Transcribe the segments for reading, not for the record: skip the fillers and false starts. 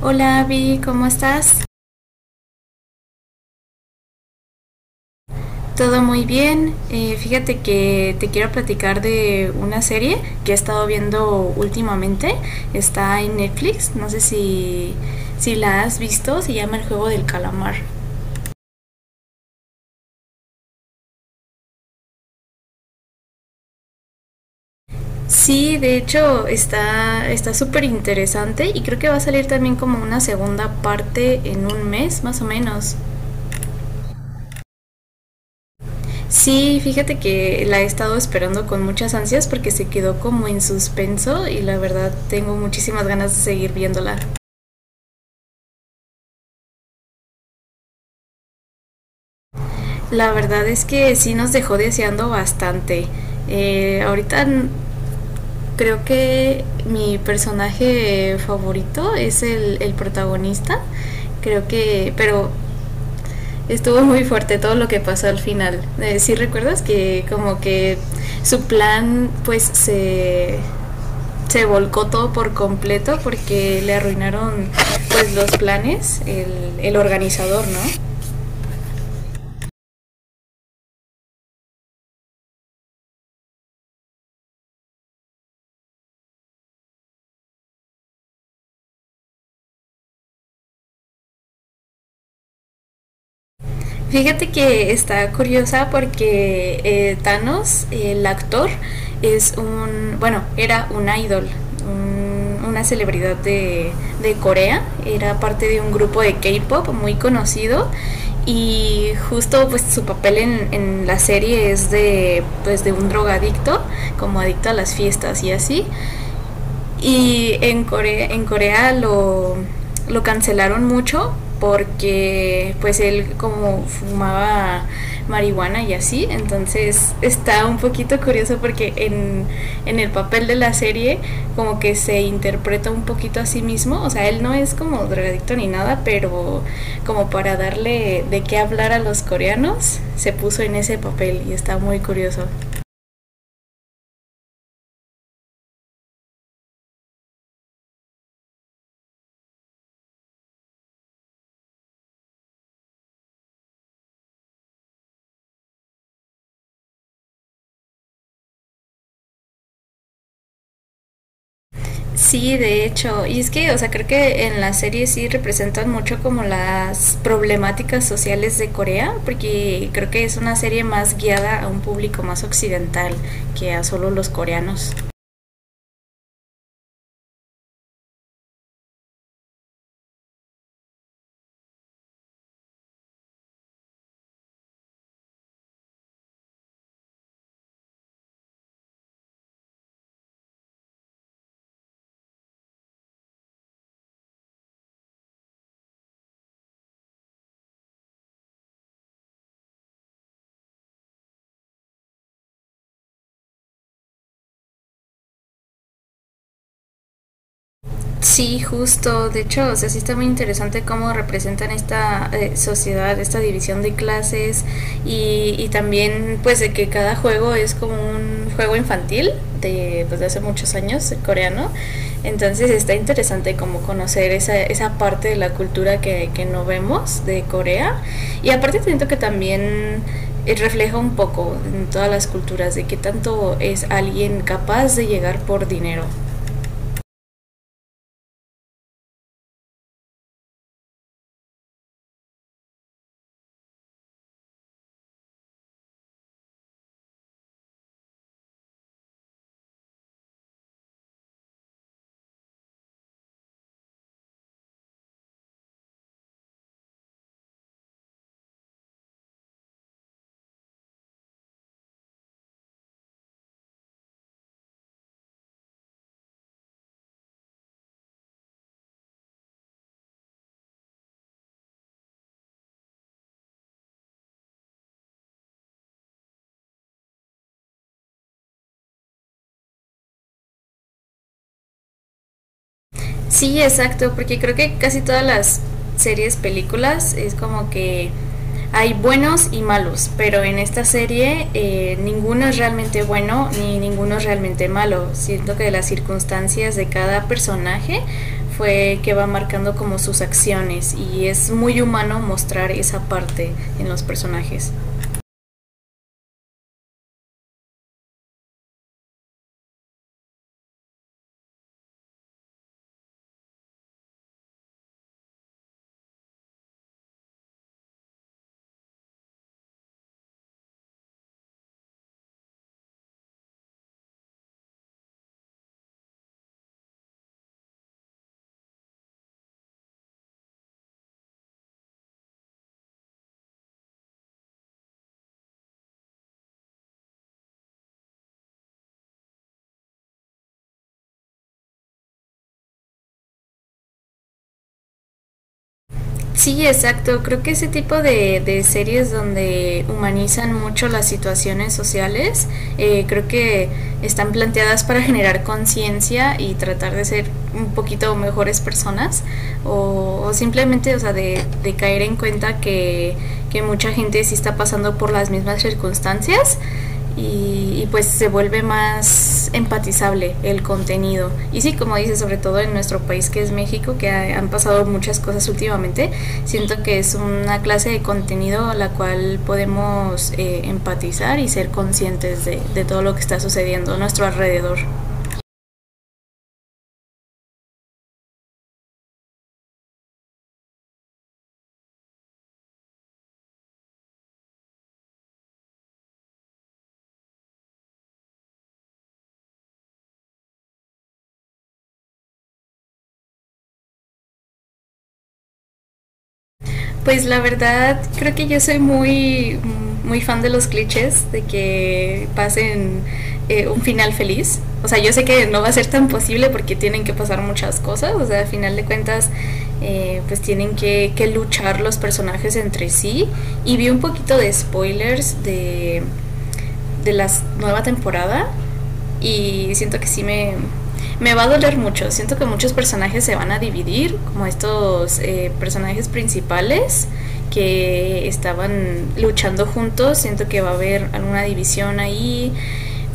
Hola Abby, ¿cómo estás? Todo muy bien. Fíjate que te quiero platicar de una serie que he estado viendo últimamente. Está en Netflix. No sé si la has visto. Se llama El Juego del Calamar. Sí, de hecho está súper interesante y creo que va a salir también como una segunda parte en un mes más o menos. Sí, fíjate que la he estado esperando con muchas ansias porque se quedó como en suspenso y la verdad tengo muchísimas ganas de seguir viéndola. La verdad es que sí nos dejó deseando bastante. Eh, ahorita n- Creo que mi personaje favorito es el protagonista. Creo que, pero estuvo muy fuerte todo lo que pasó al final. Sí recuerdas que como que su plan pues se volcó todo por completo porque le arruinaron pues los planes, el organizador, ¿no? Fíjate que está curiosa porque Thanos, el actor, es un, bueno, era un idol, un- una celebridad de Corea, era parte de un grupo de K-Pop muy conocido. Y justo pues su papel en la serie es de pues de un drogadicto, como adicto a las fiestas y así. Y en Corea lo cancelaron mucho porque pues él como fumaba marihuana y así. Entonces está un poquito curioso porque en el papel de la serie como que se interpreta un poquito a sí mismo, o sea, él no es como drogadicto ni nada, pero como para darle de qué hablar a los coreanos, se puso en ese papel y está muy curioso. Sí, de hecho, y es que, o sea, creo que en la serie sí representan mucho como las problemáticas sociales de Corea, porque creo que es una serie más guiada a un público más occidental que a solo los coreanos. Sí, justo. De hecho, o sea, sí está muy interesante cómo representan esta sociedad, esta división de clases y también pues de que cada juego es como un juego infantil de, pues, de hace muchos años, coreano. Entonces está interesante como conocer esa, esa parte de la cultura que no vemos de Corea. Y aparte siento que también refleja un poco en todas las culturas de qué tanto es alguien capaz de llegar por dinero. Sí, exacto, porque creo que casi todas las series, películas, es como que hay buenos y malos, pero en esta serie ninguno es realmente bueno ni ninguno es realmente malo. Siento que las circunstancias de cada personaje fue que va marcando como sus acciones y es muy humano mostrar esa parte en los personajes. Sí, exacto. Creo que ese tipo de series donde humanizan mucho las situaciones sociales, creo que están planteadas para generar conciencia y tratar de ser un poquito mejores personas o simplemente, o sea, de caer en cuenta que mucha gente sí está pasando por las mismas circunstancias y, pues se vuelve más empatizable el contenido. Y sí, como dice, sobre todo en nuestro país que es México, que han pasado muchas cosas últimamente, siento que es una clase de contenido a la cual podemos empatizar y ser conscientes de todo lo que está sucediendo a nuestro alrededor. Pues la verdad, creo que yo soy muy, muy fan de los clichés, de que pasen un final feliz. O sea, yo sé que no va a ser tan posible porque tienen que pasar muchas cosas. O sea, al final de cuentas, pues tienen que luchar los personajes entre sí. Y vi un poquito de spoilers de la nueva temporada y siento que sí me va a doler mucho. Siento que muchos personajes se van a dividir, como estos personajes principales que estaban luchando juntos. Siento que va a haber alguna división ahí.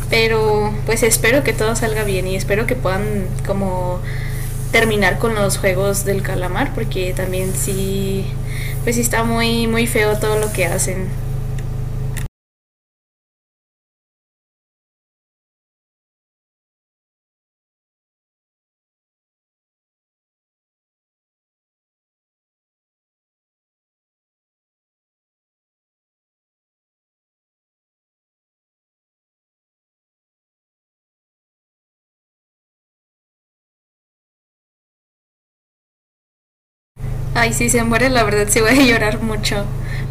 Pero pues espero que todo salga bien y espero que puedan como terminar con los juegos del calamar porque también sí pues sí está muy muy feo todo lo que hacen. Ay, si se muere, la verdad sí voy a llorar mucho.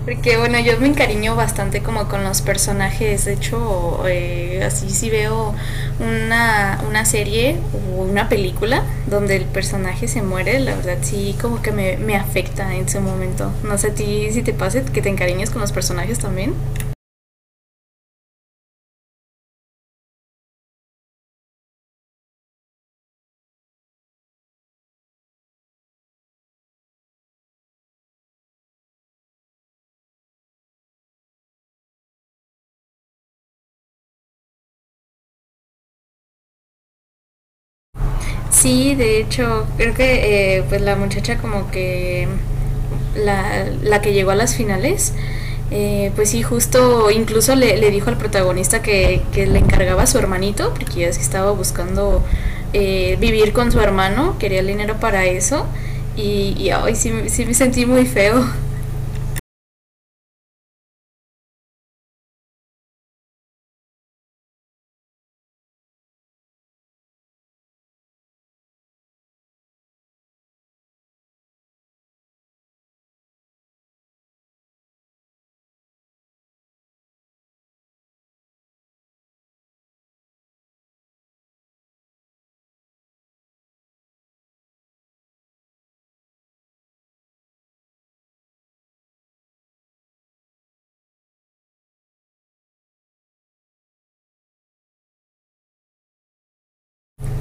Porque bueno, yo me encariño bastante como con los personajes. De hecho, así si veo una serie o una película donde el personaje se muere, la verdad sí como que me afecta en su momento. No sé a ti si te pasa que te encariñes con los personajes también. Sí, de hecho, creo que pues la muchacha como que la que llegó a las finales, pues sí, justo incluso le dijo al protagonista que le encargaba a su hermanito, porque ya es que estaba buscando vivir con su hermano, quería el dinero para eso, y ay, sí, sí me sentí muy feo.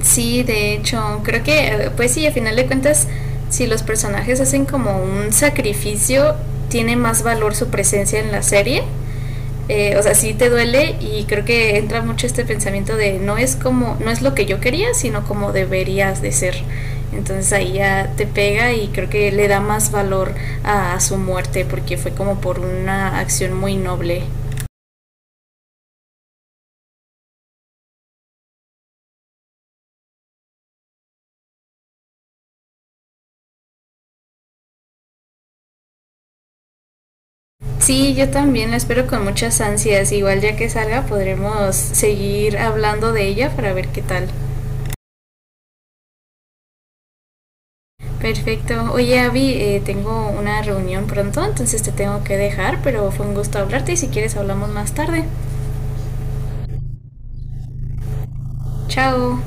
Sí, de hecho, creo que, pues sí, a final de cuentas, si los personajes hacen como un sacrificio, tiene más valor su presencia en la serie. O sea, sí te duele y creo que entra mucho este pensamiento de no es como, no es lo que yo quería, sino como deberías de ser. Entonces ahí ya te pega y creo que le da más valor a su muerte porque fue como por una acción muy noble. Sí, yo también la espero con muchas ansias. Igual ya que salga podremos seguir hablando de ella para ver qué tal. Perfecto. Oye, Abby, tengo una reunión pronto, entonces te tengo que dejar, pero fue un gusto hablarte y si quieres hablamos más tarde. Chao.